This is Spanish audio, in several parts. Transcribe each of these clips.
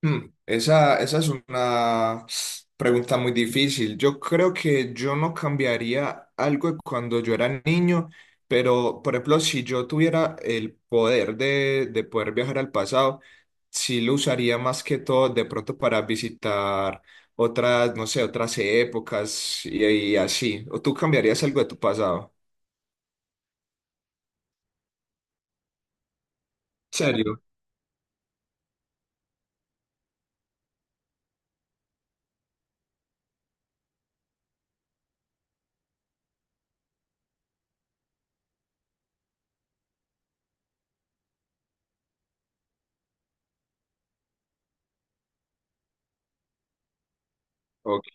Esa es una pregunta muy difícil. Yo creo que yo no cambiaría algo de cuando yo era niño, pero por ejemplo, si yo tuviera el poder de poder viajar al pasado, sí lo usaría más que todo de pronto para visitar otras, no sé, otras épocas y así. ¿O tú cambiarías algo de tu pasado? ¿En serio? Ok.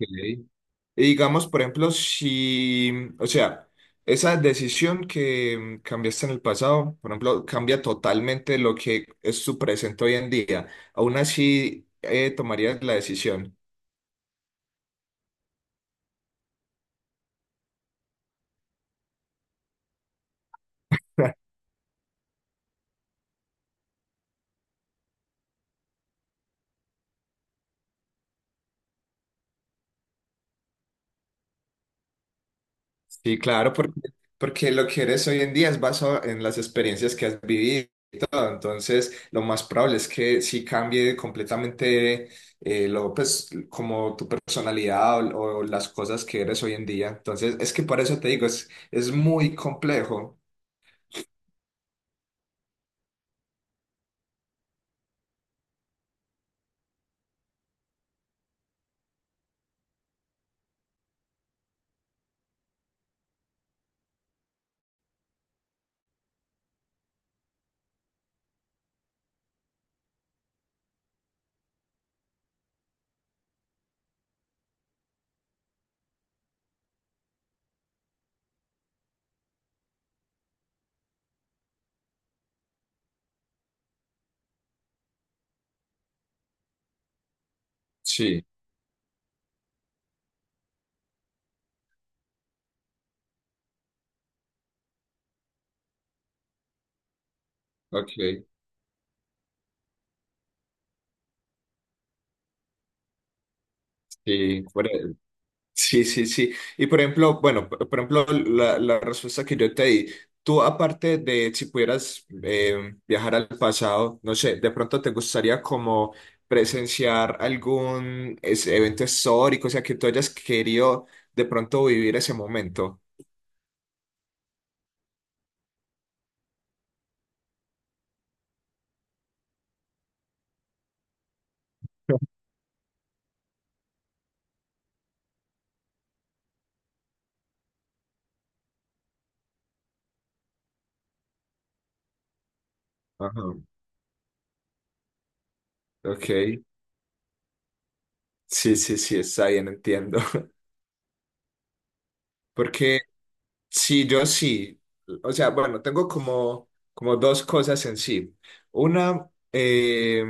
Y digamos, por ejemplo, si, o sea, esa decisión que cambiaste en el pasado, por ejemplo, cambia totalmente lo que es tu presente hoy en día. Aún así, tomarías la decisión. Sí, claro, porque lo que eres hoy en día es basado en las experiencias que has vivido y todo. Entonces, lo más probable es que sí cambie completamente lo, pues, como tu personalidad o las cosas que eres hoy en día. Entonces, es que por eso te digo, es muy complejo. Sí, ok, sí, sí, sí, sí. Y por ejemplo, bueno, por ejemplo, la respuesta que yo te di, tú aparte de si pudieras viajar al pasado, no sé, de pronto te gustaría como presenciar algún evento histórico, o sea, que tú hayas querido de pronto vivir ese momento. Ajá. Ok. Sí, sí, sí, está bien, entiendo. Porque Sí, yo sí. O sea, bueno, tengo como, dos cosas en sí. Una,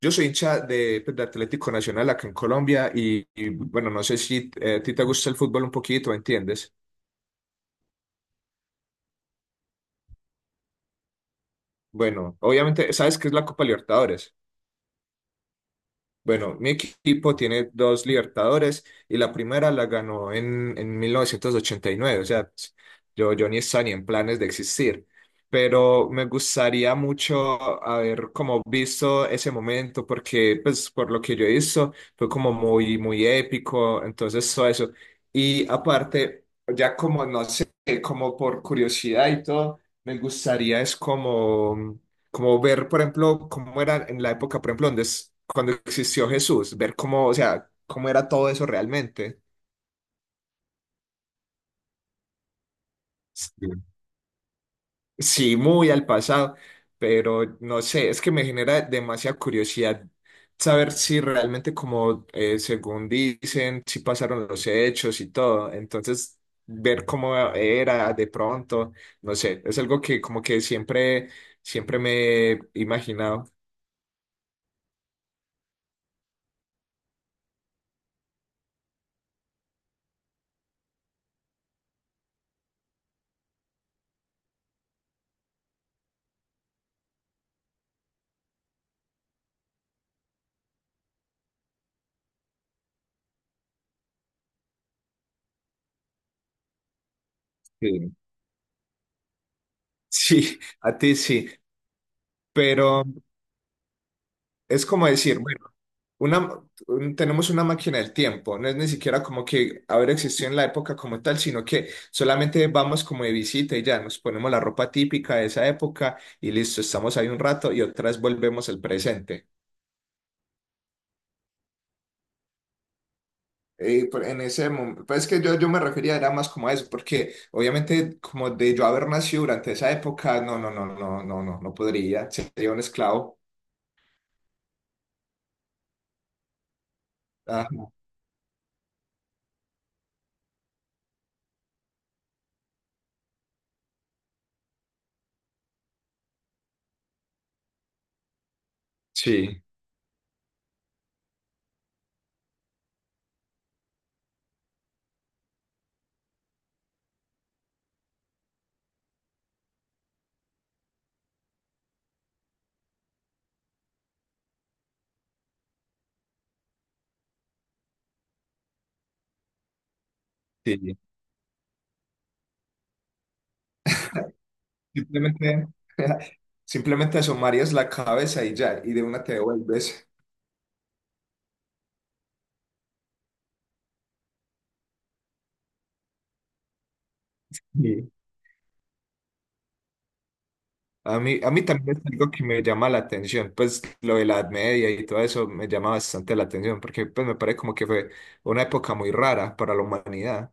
yo soy hincha de, pues, de Atlético Nacional acá en Colombia y, bueno, no sé si a ti te gusta el fútbol un poquito, ¿entiendes? Bueno, obviamente, ¿sabes qué es la Copa Libertadores? Bueno, mi equipo tiene dos Libertadores y la primera la ganó en 1989. O sea, yo ni estaba ni en planes de existir, pero me gustaría mucho haber como visto ese momento porque, pues, por lo que yo he visto, fue como muy, muy épico, entonces todo eso. Y aparte, ya como, no sé, como por curiosidad y todo, me gustaría es como ver, por ejemplo, cómo era en la época, por ejemplo, donde cuando existió Jesús, ver cómo, o sea, cómo era todo eso realmente. Sí. Sí, muy al pasado, pero no sé, es que me genera demasiada curiosidad saber si realmente como según dicen, si pasaron los hechos y todo. Entonces, ver cómo era de pronto, no sé, es algo que como que siempre, siempre me he imaginado. Sí. Sí, a ti sí, pero. Es como decir, bueno, una, tenemos una máquina del tiempo, no es ni siquiera como que haber existido en la época como tal, sino que solamente vamos como de visita y ya nos ponemos la ropa típica de esa época y listo, estamos ahí un rato y otra vez volvemos al presente. En ese momento, pues es que yo me refería era más como a eso, porque obviamente como de yo haber nacido durante esa época, no, no, no, no, no, no, no podría, sería un esclavo. Ajá. Sí, sí. Simplemente, simplemente asomarías la cabeza y ya, y de una te devuelves. Sí. A mí también es algo que me llama la atención, pues lo de la Edad Media y todo eso me llama bastante la atención, porque pues me parece como que fue una época muy rara para la humanidad.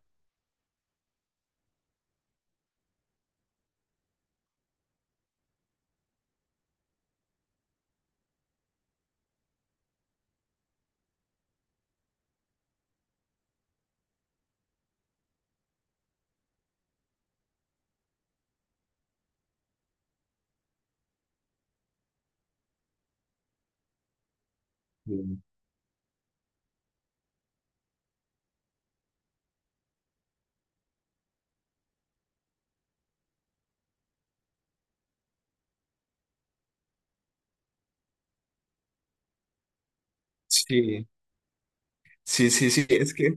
Sí. Sí, sí, sí, es que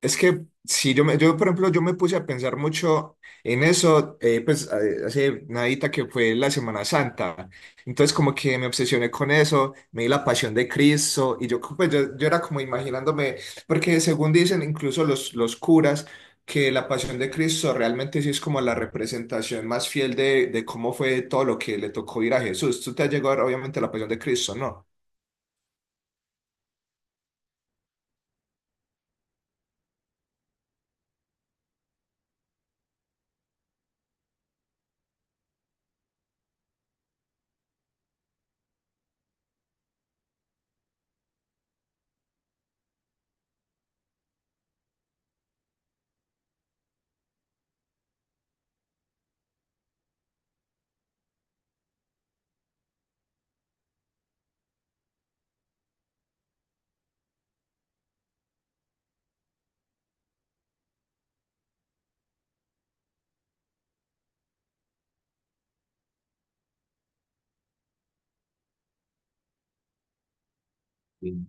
Es que si yo, me, yo, por ejemplo, yo me puse a pensar mucho en eso, pues hace nadita que fue la Semana Santa. Entonces como que me obsesioné con eso, me di la pasión de Cristo y yo, pues, yo era como imaginándome, porque según dicen incluso los curas, que la pasión de Cristo realmente sí es como la representación más fiel de cómo fue todo lo que le tocó ir a Jesús. Tú te has llegado a ver, obviamente la pasión de Cristo, ¿no? Sí.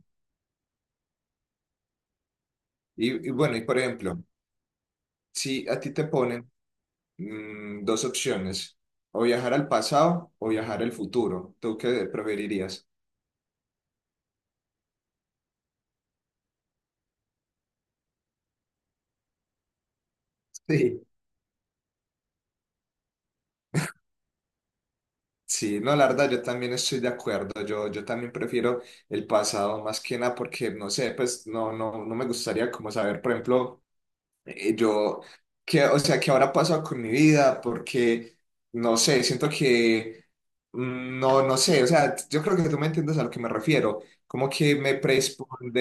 Y bueno, y por ejemplo, si a ti te ponen. Mm, dos opciones, o viajar al pasado o viajar al futuro. ¿Tú qué preferirías? Sí. Sí, no, la verdad, yo también estoy de acuerdo. Yo también prefiero el pasado más que nada porque, no sé, pues no, no, no me gustaría como saber, por ejemplo, yo, que, o sea, ¿qué habrá pasado con mi vida? Porque, no sé, siento que, no, no sé, o sea, yo creo que tú me entiendes a lo que me refiero, como que me predispone,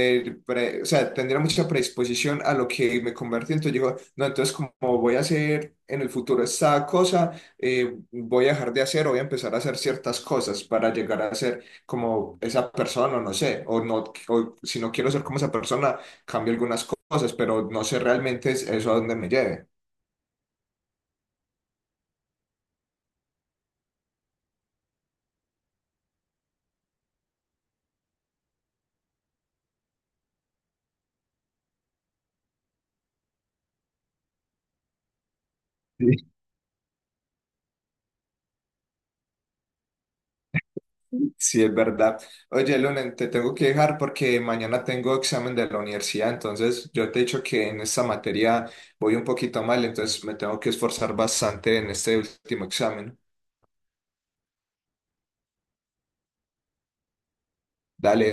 o sea, tendría mucha predisposición a lo que me convertí, entonces digo, no, entonces como voy a hacer en el futuro esta cosa, voy a dejar de hacer o voy a empezar a hacer ciertas cosas para llegar a ser como esa persona, o no sé, o no, o si no quiero ser como esa persona cambio algunas cosas, pero no sé realmente eso a dónde me lleve. Sí. Sí, es verdad. Oye, Lunen, te tengo que dejar porque mañana tengo examen de la universidad, entonces yo te he dicho que en esta materia voy un poquito mal, entonces me tengo que esforzar bastante en este último examen. Dale.